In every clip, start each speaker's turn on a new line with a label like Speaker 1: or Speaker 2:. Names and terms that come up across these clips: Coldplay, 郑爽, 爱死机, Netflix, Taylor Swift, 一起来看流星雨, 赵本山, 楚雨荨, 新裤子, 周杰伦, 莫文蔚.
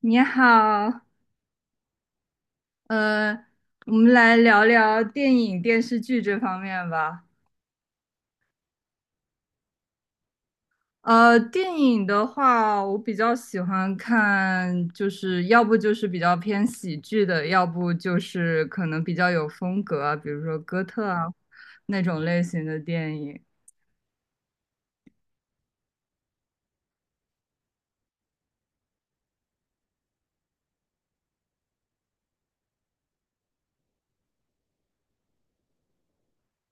Speaker 1: 你好，呃，我们来聊聊电影、电视剧这方面吧。电影的话，我比较喜欢看，就是要不就是比较偏喜剧的，要不就是可能比较有风格啊，比如说哥特啊那种类型的电影。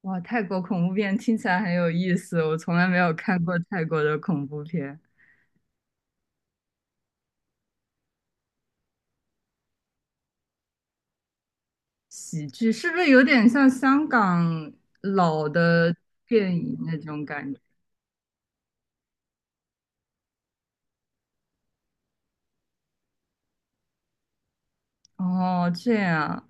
Speaker 1: 哇，泰国恐怖片听起来很有意思，我从来没有看过泰国的恐怖片。喜剧是不是有点像香港老的电影那种感觉？哦，这样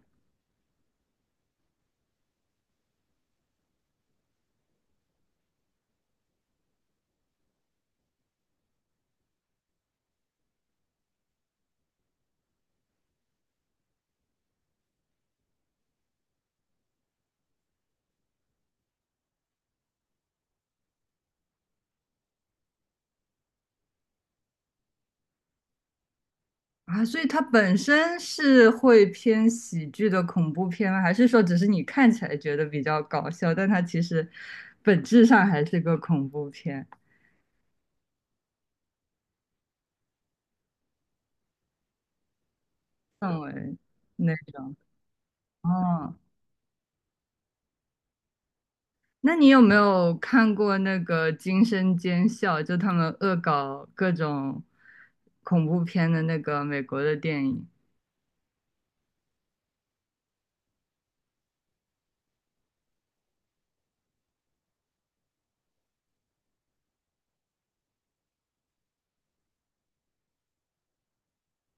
Speaker 1: 啊，所以它本身是会偏喜剧的恐怖片吗？还是说只是你看起来觉得比较搞笑，但它其实本质上还是个恐怖片氛围那种？哦，那你有没有看过那个《惊声尖笑》？就他们恶搞各种恐怖片的那个美国的电影？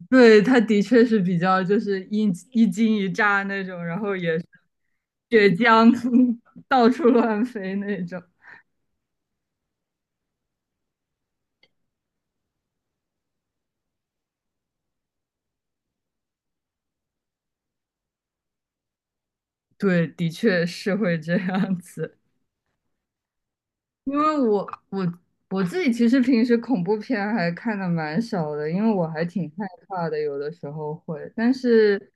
Speaker 1: 对，它的确是比较就是一惊一乍那种，然后也血浆 到处乱飞那种。对，的确是会这样子，因为我我自己其实平时恐怖片还看的蛮少的，因为我还挺害怕的，有的时候会，但是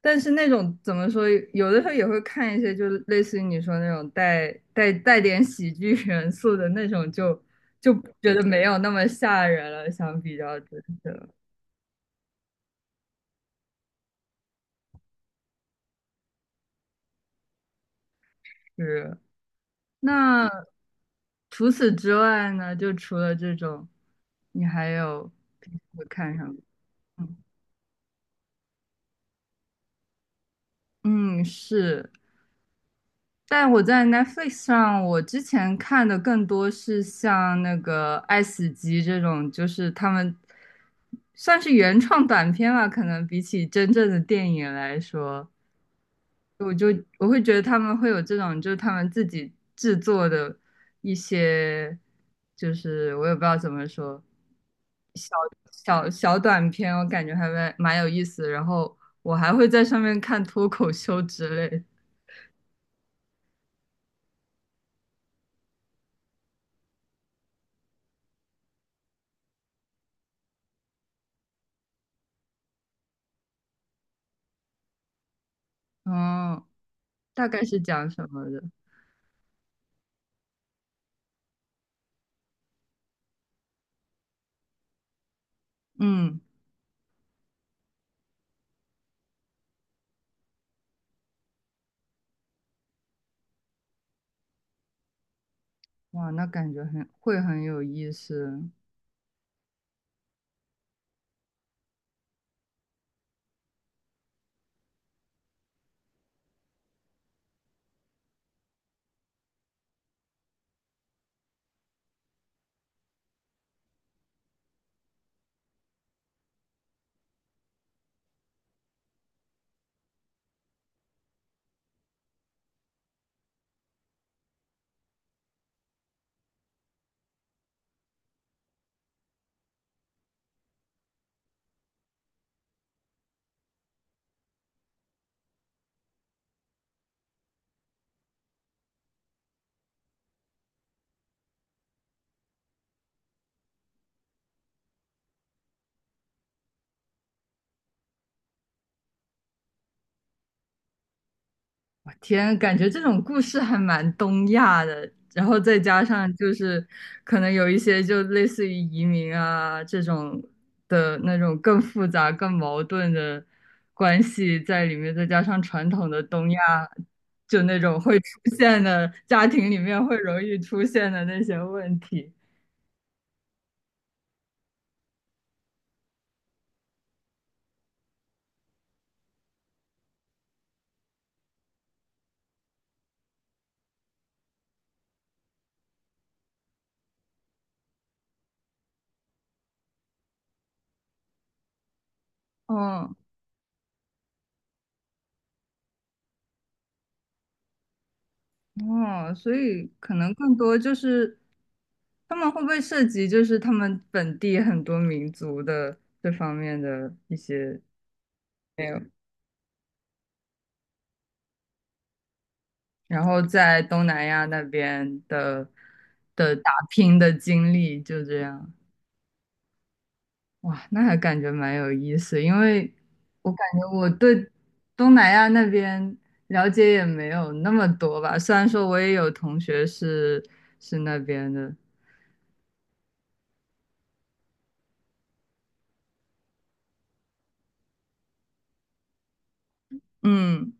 Speaker 1: 但是那种怎么说，有的时候也会看一些，就类似于你说那种带点喜剧元素的那种就，就觉得没有那么吓人了，相比较真的是。那除此之外呢，就除了这种，你还有平时会看什么？嗯嗯，是。但我在 Netflix 上，我之前看的更多是像那个《爱死机》这种，就是他们算是原创短片吧，可能比起真正的电影来说。我就我会觉得他们会有这种，就是他们自己制作的一些，就是我也不知道怎么说，小小短片，我感觉还蛮有意思。然后我还会在上面看脱口秀之类的嗯，大概是讲什么的，嗯，哇，那感觉很会很有意思。我天，感觉这种故事还蛮东亚的，然后再加上就是可能有一些就类似于移民啊这种的那种更复杂、更矛盾的关系在里面，再加上传统的东亚就那种会出现的家庭里面会容易出现的那些问题，嗯。哦，所以可能更多就是他们会不会涉及就是他们本地很多民族的这方面的一些没有。然后在东南亚那边的的打拼的经历就这样，哇，那还感觉蛮有意思，因为我感觉我对东南亚那边了解也没有那么多吧，虽然说我也有同学是是那边的，嗯。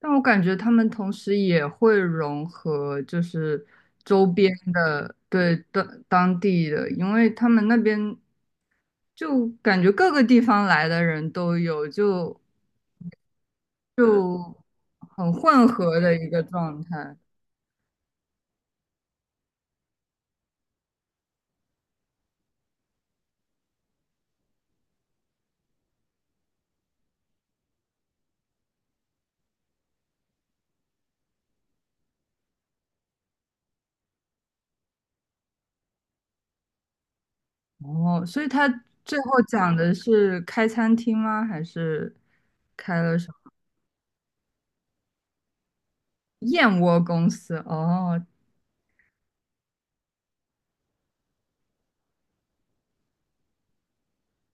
Speaker 1: 但我感觉他们同时也会融合，就是周边的，对，当地的，因为他们那边就感觉各个地方来的人都有，就就很混合的一个状态。哦，所以他最后讲的是开餐厅吗？还是开了什么燕窝公司？哦，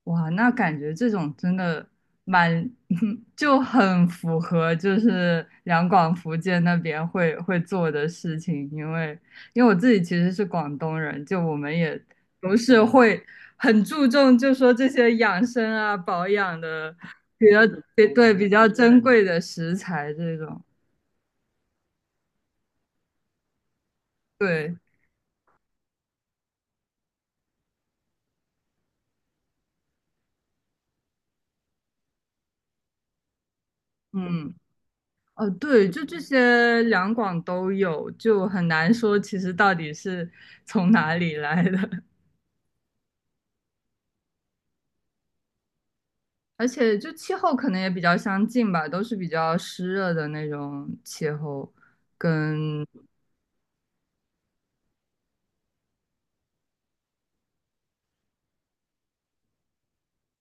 Speaker 1: 哇，那感觉这种真的蛮 就很符合就是两广福建那边会做的事情，因为因为我自己其实是广东人，就我们也不是会很注重，就说这些养生啊、保养的比较对对比较珍贵的食材这种，对，嗯。哦，对，就这些两广都有，就很难说其实到底是从哪里来的。而且就气候可能也比较相近吧，都是比较湿热的那种气候，跟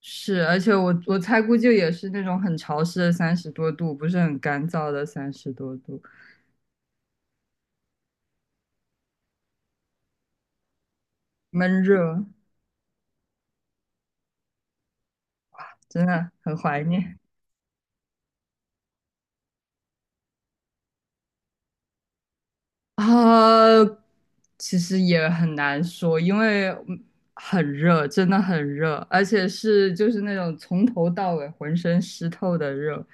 Speaker 1: 是，而且我猜估计也是那种很潮湿的三十多度，不是很干燥的三十多度，闷热，真的很怀念。啊，其实也很难说，因为嗯很热，真的很热，而且是就是那种从头到尾浑身湿透的热，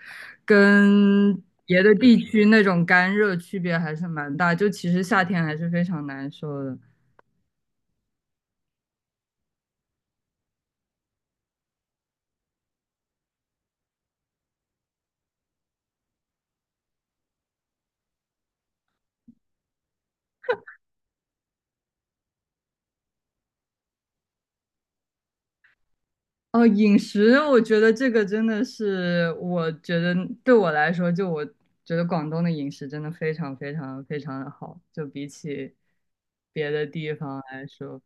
Speaker 1: 跟别的地区那种干热区别还是蛮大。就其实夏天还是非常难受的。哦，饮食，我觉得这个真的是，我觉得对我来说，就我觉得广东的饮食真的非常非常非常的好，就比起别的地方来说，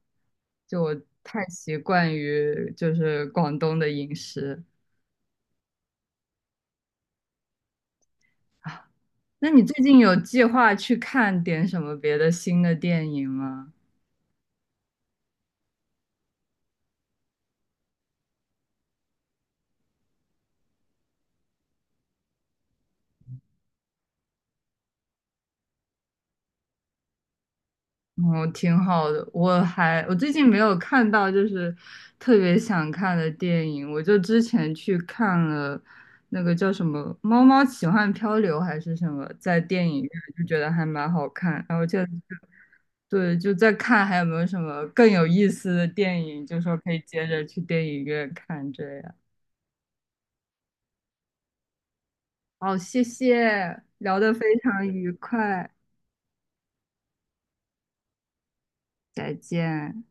Speaker 1: 就我太习惯于就是广东的饮食啊。那你最近有计划去看点什么别的新的电影吗？哦，挺好的。我还我最近没有看到就是特别想看的电影，我就之前去看了那个叫什么《猫猫奇幻漂流》还是什么，在电影院就觉得还蛮好看。然后就对，就在看还有没有什么更有意思的电影，就说可以接着去电影院看这样。好，谢谢，聊得非常愉快，再见。